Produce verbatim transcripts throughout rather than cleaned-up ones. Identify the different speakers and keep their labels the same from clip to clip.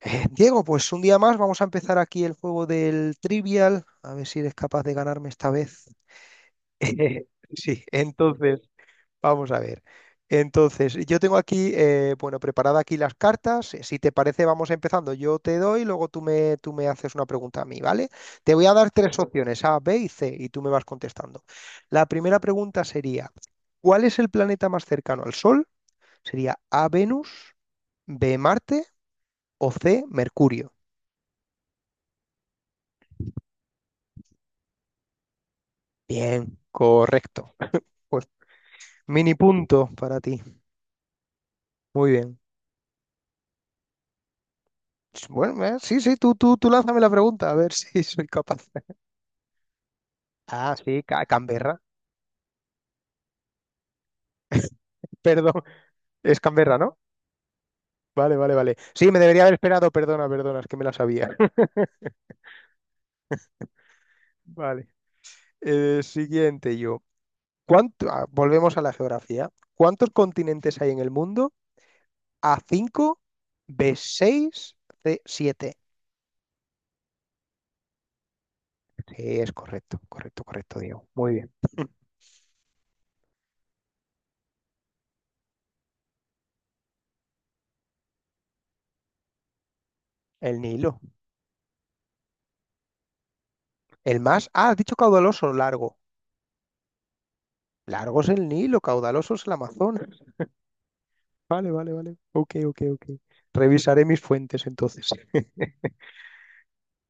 Speaker 1: Eh, Diego, pues un día más vamos a empezar aquí el juego del Trivial, a ver si eres capaz de ganarme esta vez. Sí, entonces, vamos a ver. Entonces, yo tengo aquí, eh, bueno, preparada aquí las cartas. Eh, Si te parece, vamos empezando. Yo te doy, luego tú me, tú me haces una pregunta a mí, ¿vale? Te voy a dar tres opciones, A, B y C, y tú me vas contestando. La primera pregunta sería, ¿cuál es el planeta más cercano al Sol? Sería A, Venus, B, Marte o C, Mercurio. Bien, correcto. Pues, mini punto para ti. Muy bien. Bueno, eh, sí, sí, tú, tú, tú lánzame la pregunta, a ver si soy capaz. Ah, sí, Ca- Canberra. Perdón, es Canberra, ¿no? Vale, vale, vale. Sí, me debería haber esperado, perdona, perdona, es que me la sabía. Vale. Eh, siguiente yo. ¿Cuánto, ah, volvemos a la geografía. ¿Cuántos continentes hay en el mundo? A, cinco, B, seis, C, siete. Sí, es correcto, correcto, correcto, Diego. Muy bien. El Nilo. El más. Ah, has dicho caudaloso, largo. Largo es el Nilo, caudaloso es el Amazonas. Vale, vale, vale. Ok, ok, ok. Revisaré mis fuentes entonces.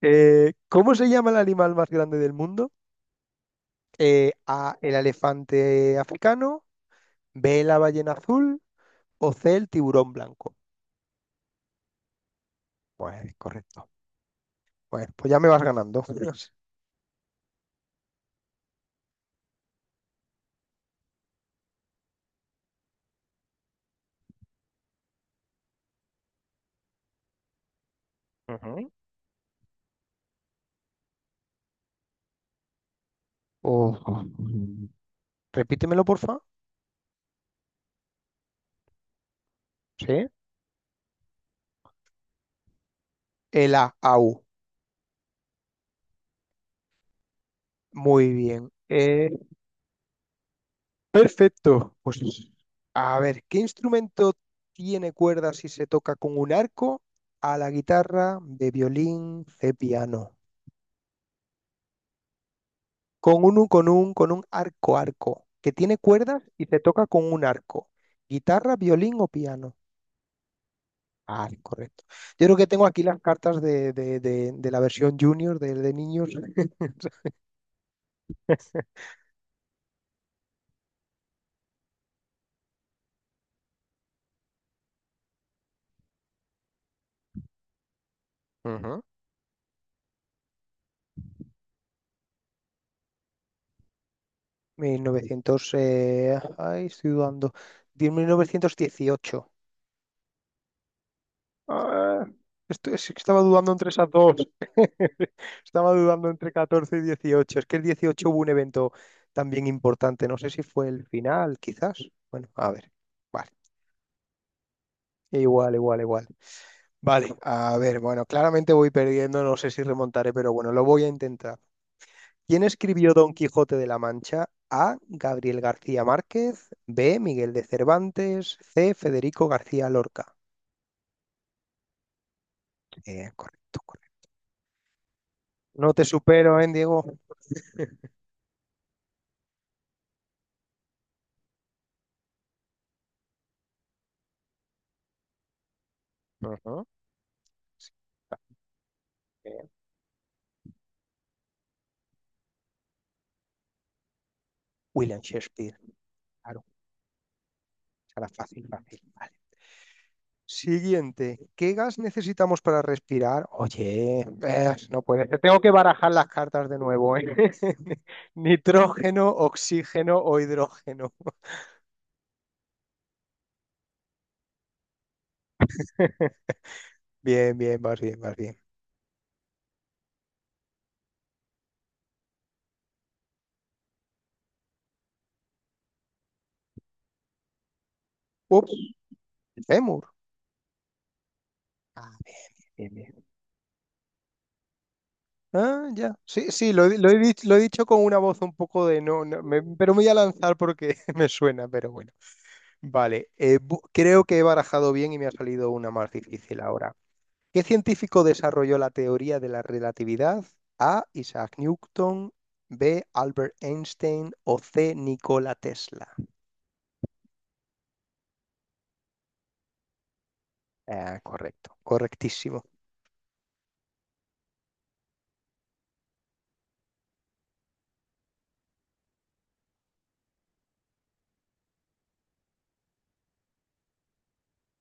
Speaker 1: Eh, ¿cómo se llama el animal más grande del mundo? Eh, A, el elefante africano, B, la ballena azul o C, el tiburón blanco. Pues correcto. Pues, pues ya me vas ganando. Ujú. Oh. Repítemelo, porfa. Sí. El A, au. Muy bien. Eh, Perfecto. Pues a ver, ¿qué instrumento tiene cuerdas si se toca con un arco? A, la guitarra, de violín, de piano. Con un, con un, con un arco, arco. Que tiene cuerdas y se toca con un arco. Guitarra, violín o piano. Ah, correcto. Yo creo que tengo aquí las cartas de, de- de- de la versión junior de, de niños. Ujú. mil novecientos, eh, ay, estoy dudando. mil novecientos dieciocho. Ah, esto es- estaba dudando entre esas dos. Estaba dudando entre catorce y dieciocho. Es que el dieciocho hubo un evento también importante. No sé si fue el final, quizás. Bueno, a ver. Vale. Igual, igual, igual. Vale, a ver, bueno, claramente voy perdiendo, no sé si remontaré, pero bueno, lo voy a intentar. ¿Quién escribió Don Quijote de la Mancha? A, Gabriel García Márquez. B, Miguel de Cervantes. C, Federico García Lorca. Eh, correcto, correcto. No te supero, ¿eh, Diego? Ajá. Bien. William Shakespeare, claro, será fácil, fácil. Vale. Siguiente, ¿qué gas necesitamos para respirar? Oye, eh, no puede ser, tengo que barajar las cartas de nuevo, ¿eh? Nitrógeno, oxígeno o hidrógeno. Bien, bien, vas bien, vas bien. Ups, fémur. Ah, bien, bien. Ah, ya. Sí, sí, lo, he lo he dicho, lo he dicho con una voz un poco de no, no, me- pero me voy a lanzar porque me suena, pero bueno. Vale, eh, bu- creo que he barajado bien y me ha salido una más difícil ahora. ¿Qué científico desarrolló la teoría de la relatividad? A, Isaac Newton, B, Albert Einstein o C, Nikola Tesla. Ah, correcto, correctísimo.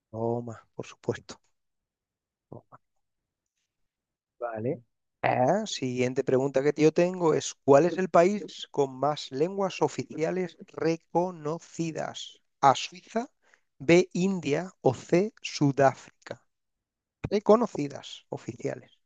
Speaker 1: Toma, por supuesto. Vale. Ah, siguiente pregunta que yo tengo es, ¿cuál es el país con más lenguas oficiales reconocidas? A, Suiza, B, India o C, Sudáfrica. Reconocidas, oficiales.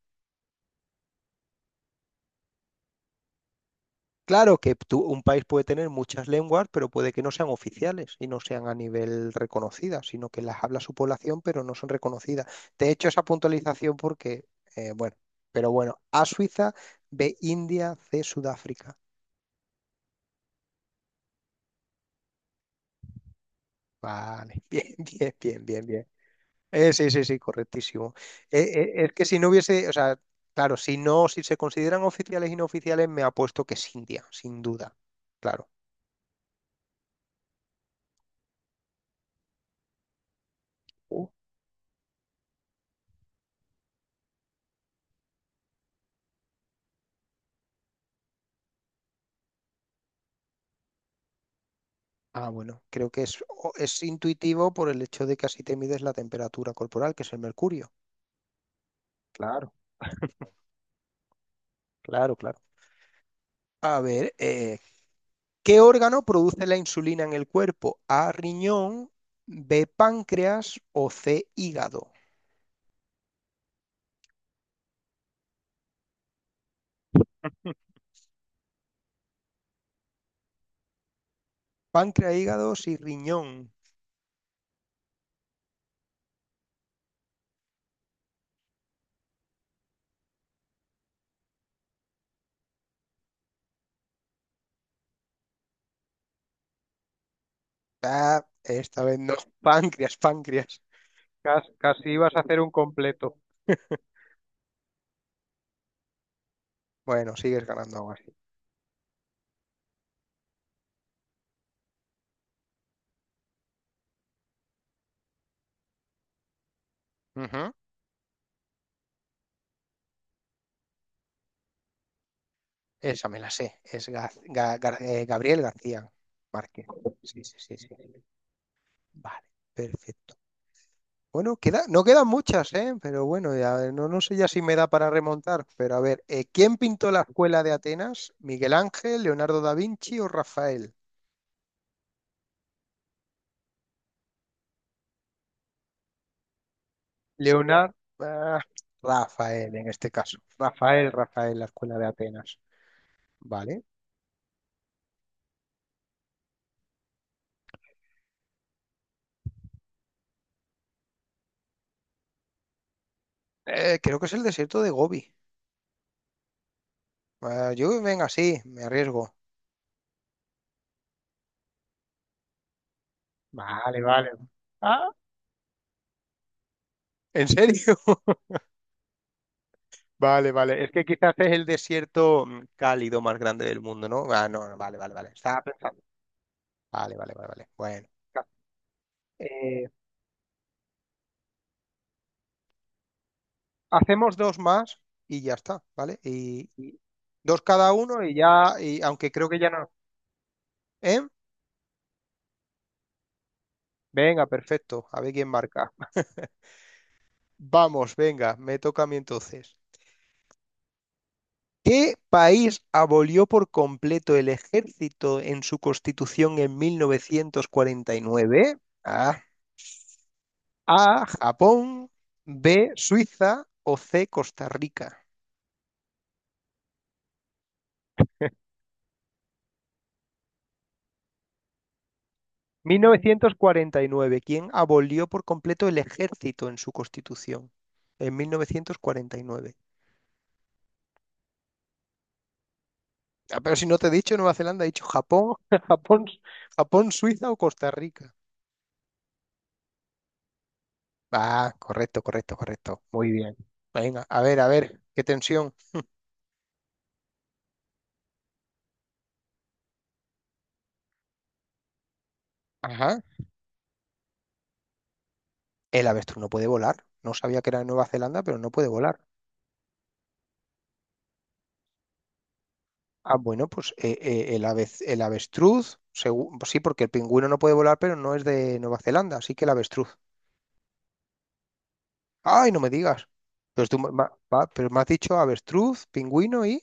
Speaker 1: Claro que tú... un país puede tener muchas lenguas, pero puede que no sean oficiales y no sean a nivel reconocidas, sino que las habla su población, pero no son reconocidas. Te he hecho esa puntualización porque, eh, bueno, pero bueno, A, Suiza, B, India, C, Sudáfrica. Vale, bien, bien, bien, bien, bien. Eh, sí, sí, sí, correctísimo. Eh, eh, es que si no hubiese, o sea, claro, si no, si se consideran oficiales y no oficiales, me apuesto que es India, sin duda. Claro. Ah, bueno, creo que es, o- es intuitivo por el hecho de que así te mides la temperatura corporal, que es el mercurio. Claro. Claro, claro. A ver, eh, ¿qué órgano produce la insulina en el cuerpo? A, riñón, B, páncreas o C, hígado. Páncreas, hígado, sí, riñón. Ah, esta vez no. Páncreas, páncreas. Cas- Casi, ibas a hacer un completo. Bueno, sigues ganando algo así. Ujú. Esa me la sé. Es Gaz- Ga- Gar- eh, Gabriel García Márquez. Sí, sí, sí, sí. Vale, perfecto. Bueno, queda, no quedan muchas, ¿eh? Pero bueno, ya, no, no sé ya si me da para remontar. Pero a ver, eh, ¿quién pintó la escuela de Atenas? ¿Miguel Ángel, Leonardo da Vinci o Rafael? Leonardo. Rafael, en este caso. Rafael, Rafael, la escuela de Atenas. Vale. Eh, creo que es el desierto de Gobi. Ah, yo, venga, sí, me arriesgo. Vale, vale. Ah, ¿en serio? Vale, vale. Es que quizás es el desierto mm, cálido más grande del mundo, ¿no? Ah, no, no, vale, vale, vale. Estaba pensando. Vale, vale, vale, vale. Bueno. Eh, hacemos dos más y ya está, ¿vale? Y, y dos cada uno y ya, y aunque creo que ya no. ¿Eh? Venga, perfecto. A ver quién marca. Vamos, venga, me toca a mí entonces. ¿Qué país abolió por completo el ejército en su constitución en mil novecientos cuarenta y nueve? Ah, A, Japón, B, Suiza o C, Costa Rica. mil novecientos cuarenta y nueve. ¿Quién abolió por completo el ejército en su constitución? En mil novecientos cuarenta y nueve. Ah, pero si no te he dicho Nueva Zelanda, he dicho Japón, Japón, Japón, Suiza o Costa Rica. Ah, correcto, correcto, correcto. Muy bien. Venga, a ver, a ver, qué tensión. Ajá. El avestruz no puede volar. No sabía que era de Nueva Zelanda, pero no puede volar. Ah, bueno, pues eh, eh, el ave- el avestruz, segu- sí, porque el pingüino no puede volar, pero no es de Nueva Zelanda, así que el avestruz. Ay, no me digas. Pero, tú, me- ma- va, pero me has dicho avestruz, pingüino y...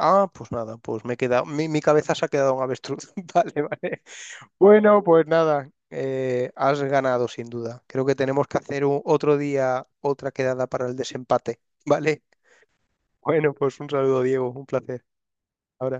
Speaker 1: Ah, pues nada, pues me he quedado, mi, mi cabeza se ha quedado en avestruz. Vale, vale. Bueno, pues nada, eh, has ganado sin duda. Creo que tenemos que hacer un- otro día otra quedada para el desempate. Vale. Bueno, pues un saludo, Diego, un placer. Ahora.